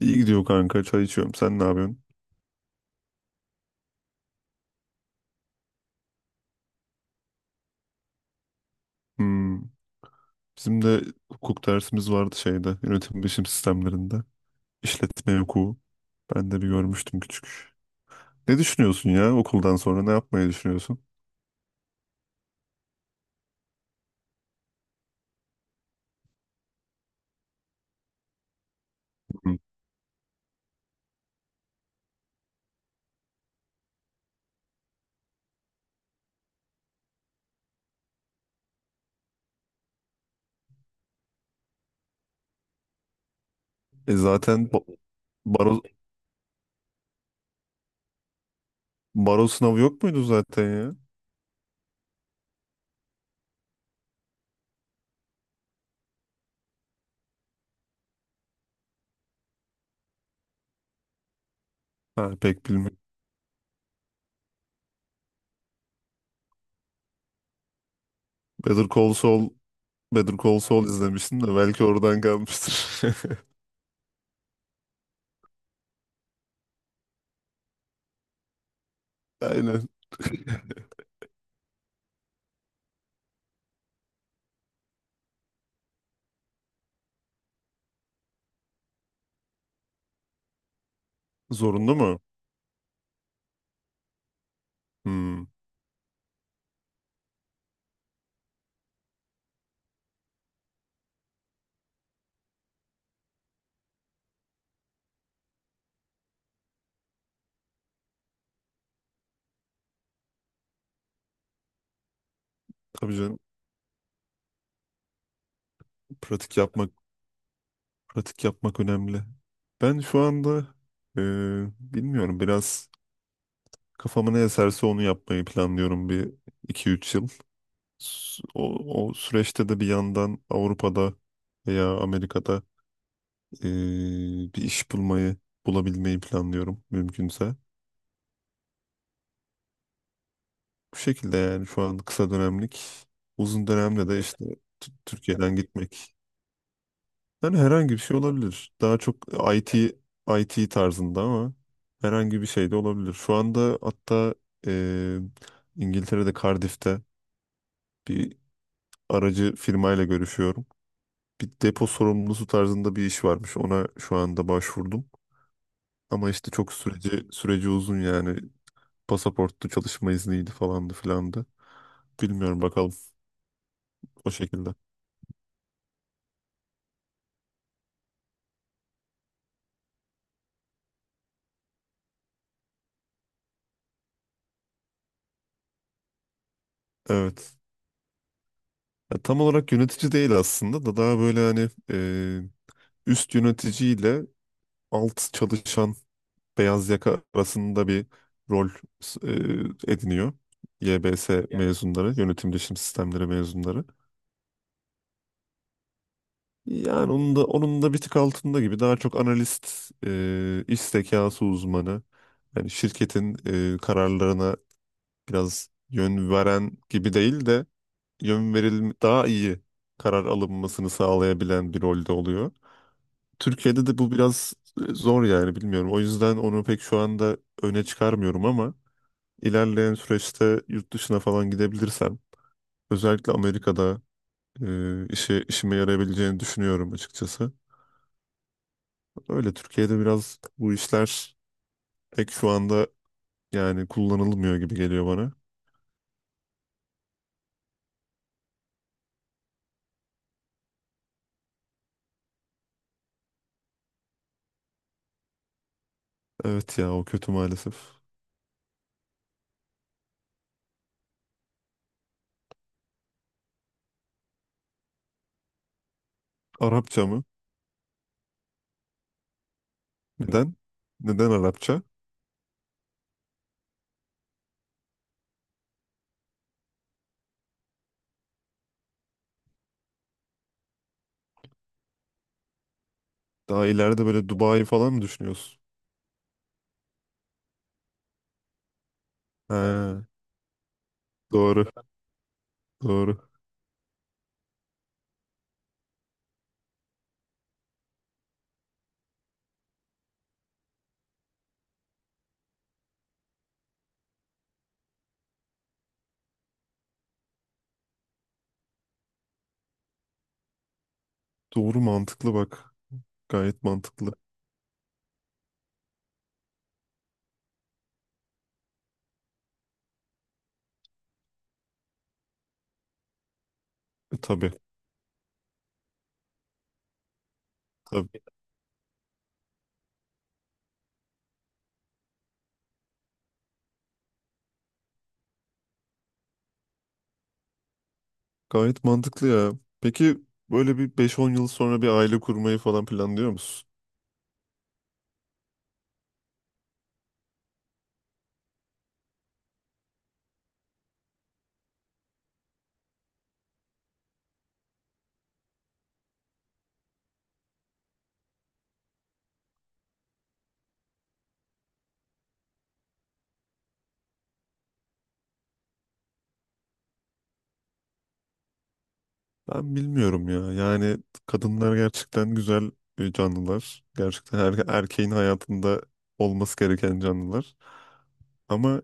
İyi gidiyor kanka. Çay içiyorum. Sen ne yapıyorsun? Hmm. Bizim de hukuk dersimiz vardı. Yönetim bilişim sistemlerinde. İşletme hukuku. Ben de bir görmüştüm küçük. Ne düşünüyorsun ya okuldan sonra? Ne yapmayı düşünüyorsun? Hı. E zaten ba- baro, baro sınavı yok muydu zaten ya? Ha, pek bilmiyorum. Better Call Saul, Better Call Saul izlemiştim de belki oradan kalmıştır. Aynen. Zorunlu mu? Hmm. Tabii canım. Pratik yapmak Pratik yapmak önemli. Ben şu anda e, bilmiyorum biraz kafama ne eserse onu yapmayı planlıyorum bir iki üç yıl. S- O, o süreçte de bir yandan Avrupa'da veya Amerika'da e, bir iş bulabilmeyi planlıyorum mümkünse. Bu şekilde yani şu an kısa dönemlik, uzun dönemde de işte Türkiye'den gitmek. Yani herhangi bir şey olabilir. Daha çok IT IT tarzında ama herhangi bir şey de olabilir. Şu anda hatta eee, İngiltere'de Cardiff'te bir aracı firmayla görüşüyorum. Bir depo sorumlusu tarzında bir iş varmış. Ona şu anda başvurdum. Ama işte çok süreci uzun yani. Pasaporttu, çalışma izniydi falandı filandı. Bilmiyorum bakalım o şekilde. Evet. Ya tam olarak yönetici değil aslında da daha böyle hani üst yöneticiyle alt çalışan beyaz yaka arasında bir rol ediniyor. YBS ya mezunları, yönetim bilişim sistemleri mezunları. Yani onun da bir tık altında gibi daha çok analist, iş zekası uzmanı, yani şirketin kararlarına biraz yön veren gibi değil de yön veril daha iyi karar alınmasını sağlayabilen bir rolde oluyor. Türkiye'de de bu biraz zor yani bilmiyorum. O yüzden onu pek şu anda öne çıkarmıyorum ama ilerleyen süreçte yurt dışına falan gidebilirsem özellikle Amerika'da işe işime yarayabileceğini düşünüyorum açıkçası. Öyle Türkiye'de biraz bu işler pek şu anda yani kullanılmıyor gibi geliyor bana. Evet ya o kötü maalesef. Arapça mı? Neden? Neden Arapça? Daha ileride böyle Dubai falan mı düşünüyorsun? He, doğru, doğru. Doğru mantıklı bak. Gayet mantıklı. E, tabii, tabii. Gayet mantıklı ya. Peki böyle bir beş-on yıl sonra bir aile kurmayı falan planlıyor musun? Ben bilmiyorum ya. Yani kadınlar gerçekten güzel canlılar. Gerçekten her erkeğin hayatında olması gereken canlılar. Ama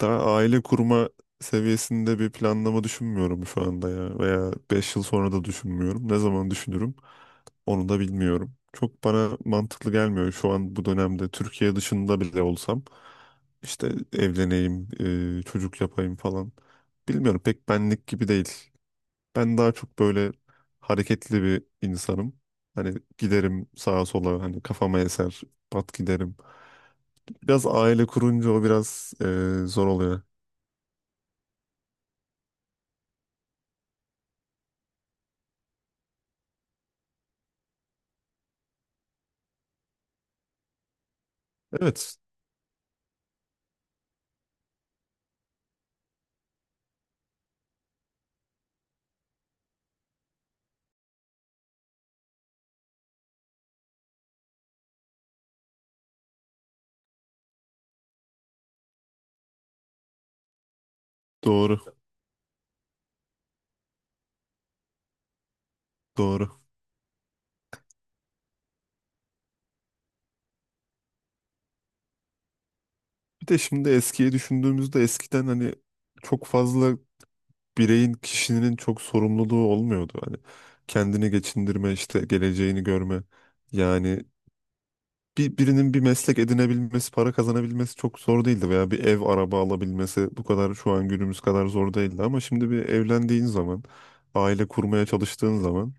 daha aile kurma seviyesinde bir planlama düşünmüyorum şu anda ya. Veya 5 yıl sonra da düşünmüyorum. Ne zaman düşünürüm onu da bilmiyorum. Çok bana mantıklı gelmiyor şu an bu dönemde. Türkiye dışında bile olsam işte evleneyim, çocuk yapayım falan. Bilmiyorum pek benlik gibi değil. Ben daha çok böyle hareketli bir insanım. Hani giderim sağa sola, hani kafama eser, pat giderim. Biraz aile kurunca o biraz zor oluyor. Evet, doğru, doğru. Bir de şimdi eskiye düşündüğümüzde eskiden hani çok fazla kişinin çok sorumluluğu olmuyordu. Hani kendini geçindirme, işte geleceğini görme. Yani birinin bir meslek edinebilmesi, para kazanabilmesi çok zor değildi veya bir ev, araba alabilmesi bu kadar şu an günümüz kadar zor değildi. Ama şimdi bir evlendiğin zaman, aile kurmaya çalıştığın zaman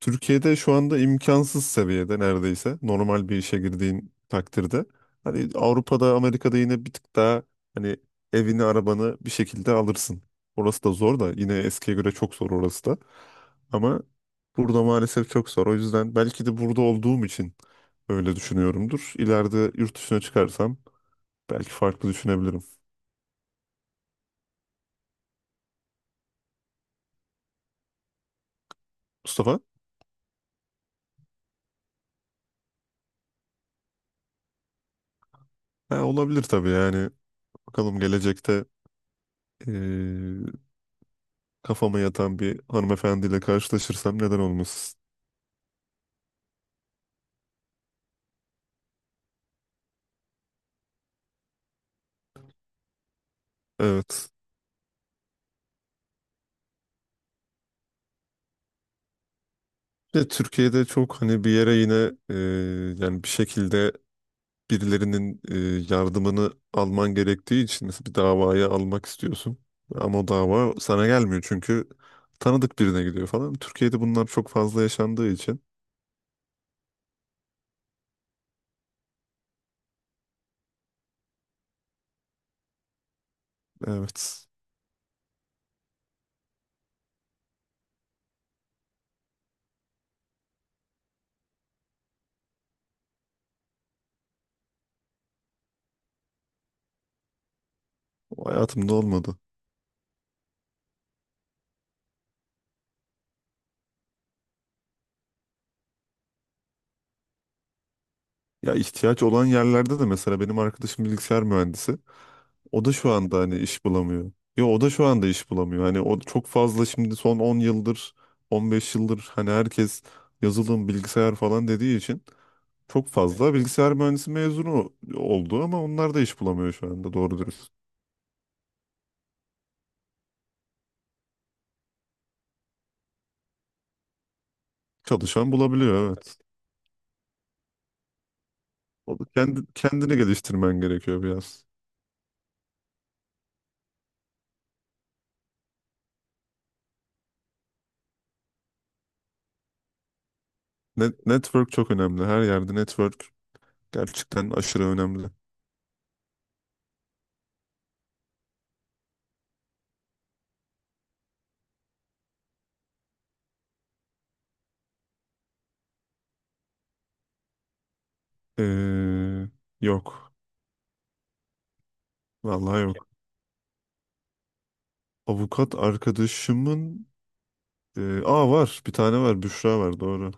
Türkiye'de şu anda imkansız seviyede neredeyse normal bir işe girdiğin takdirde. Hani Avrupa'da, Amerika'da yine bir tık daha hani evini, arabanı bir şekilde alırsın. Orası da zor da yine eskiye göre çok zor orası da. Ama burada maalesef çok zor. O yüzden belki de burada olduğum için öyle düşünüyorumdur. İleride yurt dışına çıkarsam belki farklı düşünebilirim. Mustafa? Ha, olabilir tabii yani. Bakalım gelecekte kafama yatan bir hanımefendiyle karşılaşırsam neden olmasın? Evet. Ve Türkiye'de çok hani bir yere yine e, yani bir şekilde birilerinin yardımını alman gerektiği için mesela bir davaya almak istiyorsun. Ama o dava sana gelmiyor çünkü tanıdık birine gidiyor falan. Türkiye'de bunlar çok fazla yaşandığı için evet o hayatımda olmadı. Ya ihtiyaç olan yerlerde de mesela benim arkadaşım bilgisayar mühendisi. O da şu anda hani iş bulamıyor. Yo, o da şu anda iş bulamıyor. Hani o çok fazla şimdi son 10 yıldır, 15 yıldır hani herkes yazılım, bilgisayar falan dediği için çok fazla bilgisayar mühendisi mezunu oldu ama onlar da iş bulamıyor şu anda doğru dürüst. Çalışan bulabiliyor, evet. O da kendini geliştirmen gerekiyor biraz. Net, network çok önemli. Her yerde network gerçekten aşırı önemli. Ee, yok. Vallahi yok. Avukat arkadaşımın aa var. Bir tane var. Büşra var. Doğru.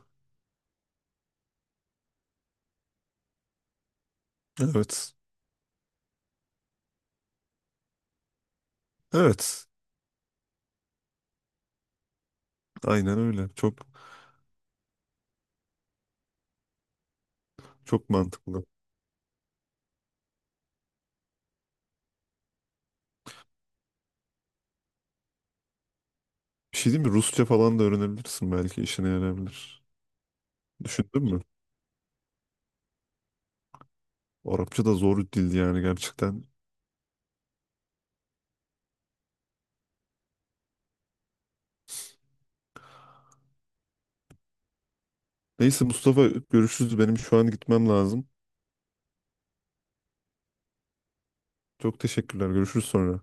Evet. Evet. Aynen öyle. Çok mantıklı. Bir şey değil mi? Rusça falan da öğrenebilirsin belki. İşine yarayabilir. Düşündün mü? Arapça da zor bir dil yani gerçekten. Neyse Mustafa, görüşürüz. Benim şu an gitmem lazım. Çok teşekkürler. Görüşürüz sonra.